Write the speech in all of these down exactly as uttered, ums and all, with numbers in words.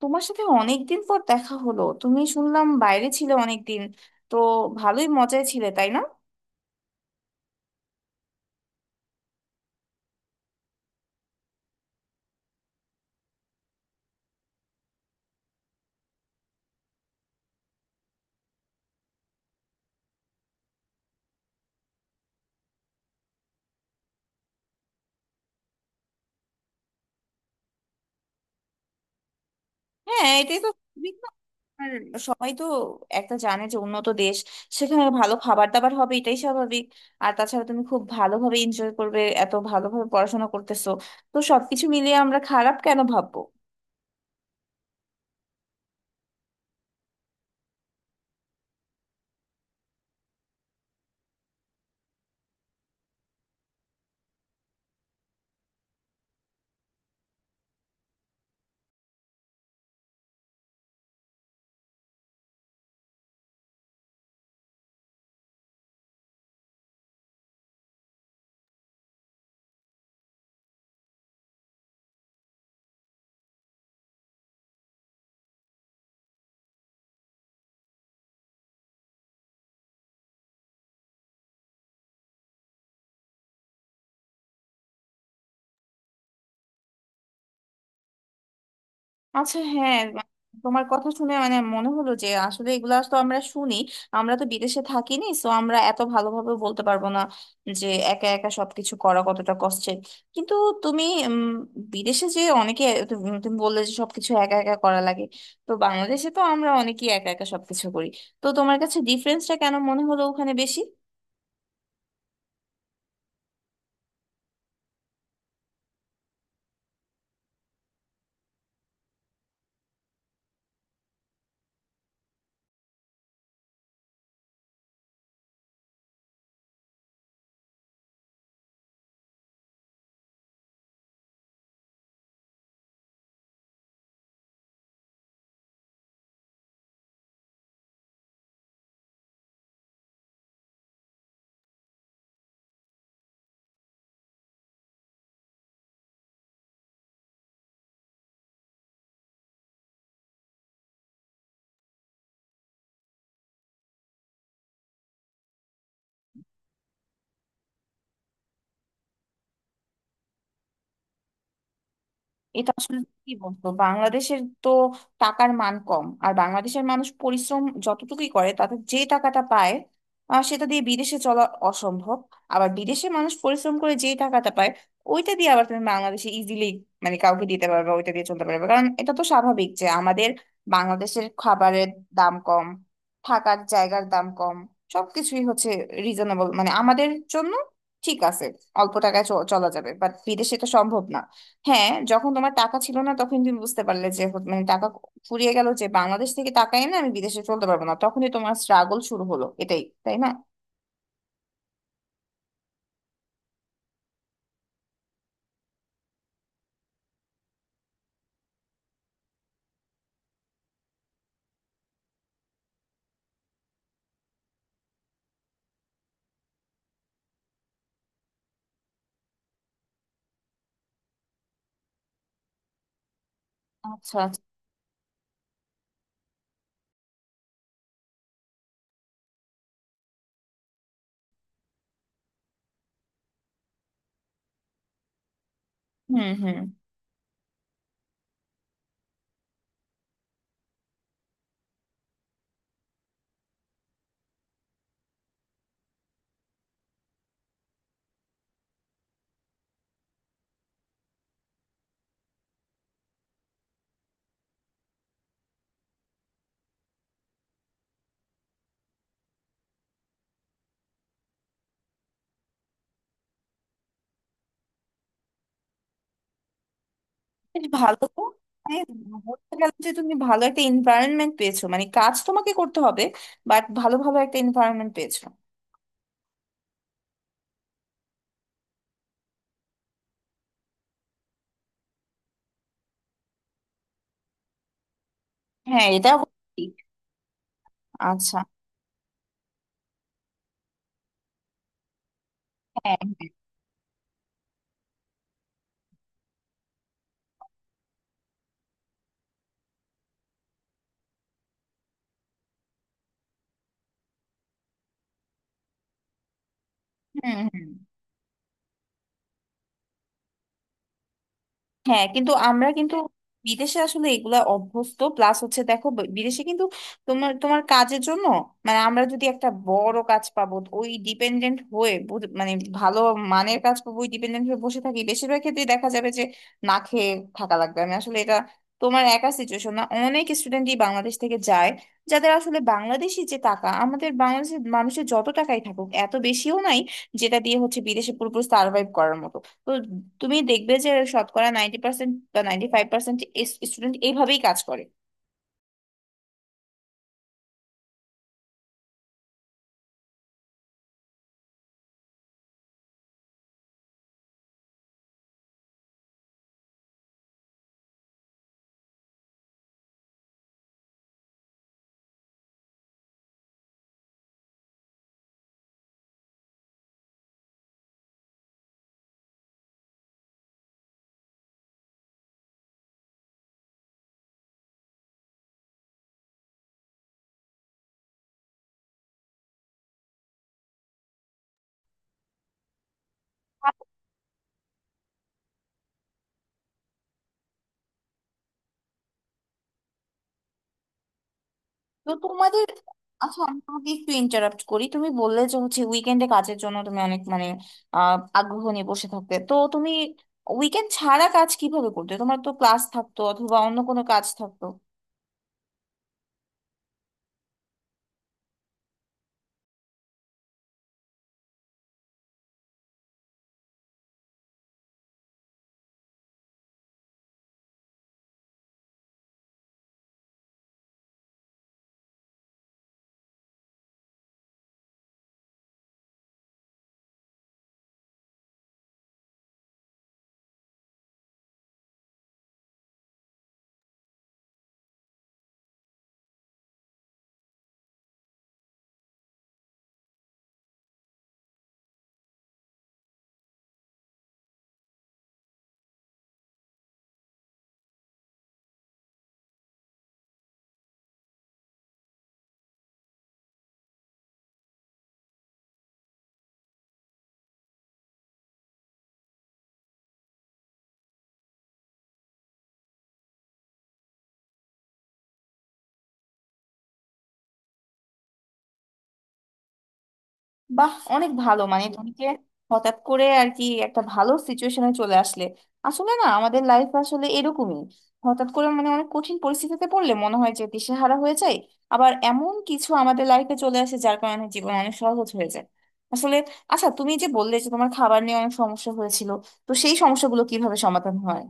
তোমার সাথে অনেকদিন পর দেখা হলো। তুমি শুনলাম বাইরে ছিলে অনেকদিন। তো ভালোই মজায় ছিলে, তাই না? হ্যাঁ, এটাই তো খুবই তো- আর সবাই তো একটা জানে যে উন্নত দেশ, সেখানে ভালো খাবার দাবার হবে এটাই স্বাভাবিক। আর তাছাড়া তুমি খুব ভালোভাবে এনজয় করবে, এত ভালোভাবে পড়াশোনা করতেছো। তো সবকিছু মিলিয়ে আমরা খারাপ কেন ভাববো? আচ্ছা, হ্যাঁ মা- তোমার কথা শুনে মানে মনে হলো যে আসলে এগুলা তো আমরা শুনি। আমরা তো বিদেশে থাকিনি, সো আমরা এত ভালোভাবে বলতে পারবো না যে একা একা সবকিছু করা কতটা কষ্টের। কিন্তু তুমি উম, বিদেশে যে অনেকে, তুমি তুমি বললে যে সবকিছু একা একা করা লাগে। তো বাংলাদেশে তো আমরা অনেকেই একা একা সবকিছু করি। তো তোমার কাছে ডিফারেন্সটা কেন মনে হলো ওখানে বেশি? এটা আসলে কি বলতো, বাংলাদেশের তো টাকার মান কম, আর বাংলাদেশের মানুষ পরিশ্রম যতটুকুই করে তাতে যে টাকাটা পায় আহ, সেটা দিয়ে বিদেশে চলা অসম্ভব। আবার বিদেশে মানুষ পরিশ্রম করে যে টাকাটা পায় ওইটা দিয়ে আবার তুমি বাংলাদেশে ইজিলি মানে কাউকে দিতে পারবে, ওইটা দিয়ে চলতে পারবে, কারণ এটা তো স্বাভাবিক যে আমাদের বাংলাদেশের খাবারের দাম কম, থাকার জায়গার দাম কম, সবকিছুই হচ্ছে রিজনেবল মানে আমাদের জন্য ঠিক আছে। অল্প টাকায় চ- চলা যাবে, বাট বিদেশে এটা সম্ভব না। হ্যাঁ, যখন তোমার টাকা ছিল না তখন তুমি বুঝতে পারলে যে হ- মানে টাকা ফুরিয়ে গেল, যে বাংলাদেশ থেকে টাকা এনে আমি বিদেশে চলতে পারবো না, তখনই তোমার স্ট্রাগল শুরু হলো, এটাই তাই না? আচ্ছা আচ্ছা। হুম হুম। বেশ ভালো তো। মানে বলতে গেলে যে তুমি ভালো একটা এনভায়রনমেন্ট পেয়েছো, মানে কাজ তোমাকে করতে হবে, বাট ভালো ভালো একটা এনভায়রনমেন্ট পেয়েছো। হ্যাঁ, এটা ঠিক। আচ্ছা। হ্যাঁ হ্যাঁ। হুম হুম। হ্যাঁ, কিন্তু আমরা কিন্তু বিদেশে আসলে এগুলা অভ্যস্ত। প্লাস হচ্ছে, দেখো, ব- বিদেশে কিন্তু তোমার তোমার কাজের জন্য মানে আমরা যদি একটা বড় কাজ পাবো ওই ডিপেন্ডেন্ট হয়ে বুঝ- মানে ভালো মানের কাজ পাবো ওই ডিপেন্ডেন্ট হয়ে বসে থাকি, বেশিরভাগ ক্ষেত্রে দেখা যাবে যে না খেয়ে থাকা লাগবে। আমি আসলে এটা তোমার একা সিচুয়েশন না, অনেক স্টুডেন্টই বাংলাদেশ থেকে যায় যাদের আসলে বাংলাদেশি যে টাকা, আমাদের বাংলাদেশের মানুষের যত টাকাই থাকুক এত বেশিও নাই যেটা দিয়ে হচ্ছে বিদেশে পুরোপুরি সার্ভাইভ করার মতো। তো তুমি দেখবে যে শতকরা নাইনটি পার্সেন্ট বা নাইনটি ফাইভ পার্সেন্ট স্টুডেন্ট এইভাবেই কাজ করে। তো তোমাদের, আচ্ছা, আমি তোমাকে একটু ইন্টারাপ্ট করি। তুমি বললে যে হচ্ছে উইকেন্ডে কাজের জন্য তুমি অনেক মানে আহ আগ্রহ নিয়ে বসে থাকতে। তো তুমি উইকেন্ড ছাড়া কাজ কিভাবে করতে? তোমার তো ক্লাস থাকতো অথবা অন্য কোনো কাজ থাকতো। বাহ, অনেক ভালো। মানে তুমিকে হঠাৎ করে আর কি একটা ভালো সিচুয়েশনে চলে আসলে। আসলে না, আমাদের লাইফ আসলে এরকমই। হঠাৎ করে মানে অনেক কঠিন পরিস্থিতিতে পড়লে মনে হয় যে দিশেহারা হয়ে যায়, আবার এমন কিছু আমাদের লাইফে চলে আসে যার কারণে জীবন অনেক সহজ হয়ে যায় আসলে। আচ্ছা, তুমি যে বললে যে তোমার খাবার নিয়ে অনেক সমস্যা হয়েছিল, তো সেই সমস্যাগুলো কিভাবে সমাধান হয়?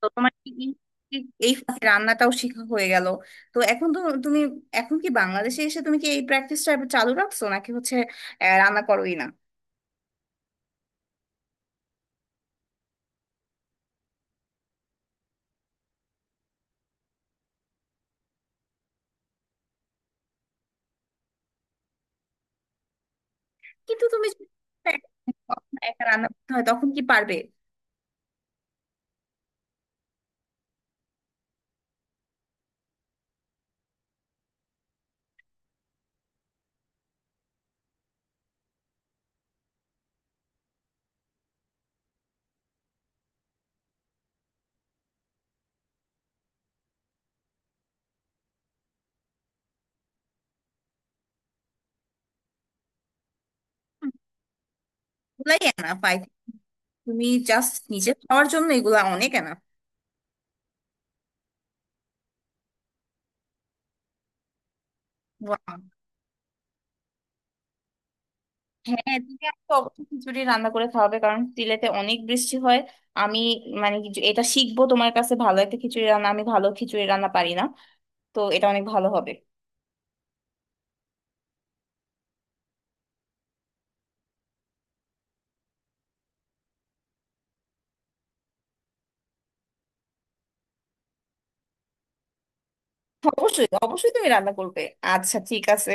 তো তোমার কি কি- কি- এই ফাঁকে রান্নাটাও শেখা হয়ে গেল। তো এখন তো তুমি এখন কি বাংলাদেশে এসে তুমি কি এই প্র্যাকটিসটা চালু রাখছো, নাকি হচ্ছে আহ, রান্না করোই না? কিন্তু তুমি যদি একা রান্না করতে হয় তখন কি পারবে? এগুলাই এনাফ। আই, তুমি জাস্ট নিজে খাওয়ার জন্য এগুলা অনেক এনাফ। ওয়াও! হ্যাঁ, তুমি আমাকে অবশ্যই খিচুড়ি রান্না করে খাওয়াবে, কারণ সিলেটে অনেক বৃষ্টি হয়। আমি মানে কি- এটা শিখবো তোমার কাছে, ভালো একটা খিচুড়ি রান্না, আমি ভালো খিচুড়ি রান্না পারি না। তো এটা অনেক ভালো হবে। অবশ্যই অবশ্যই তুমি রান্না করবে। আচ্ছা, ঠিক আছে।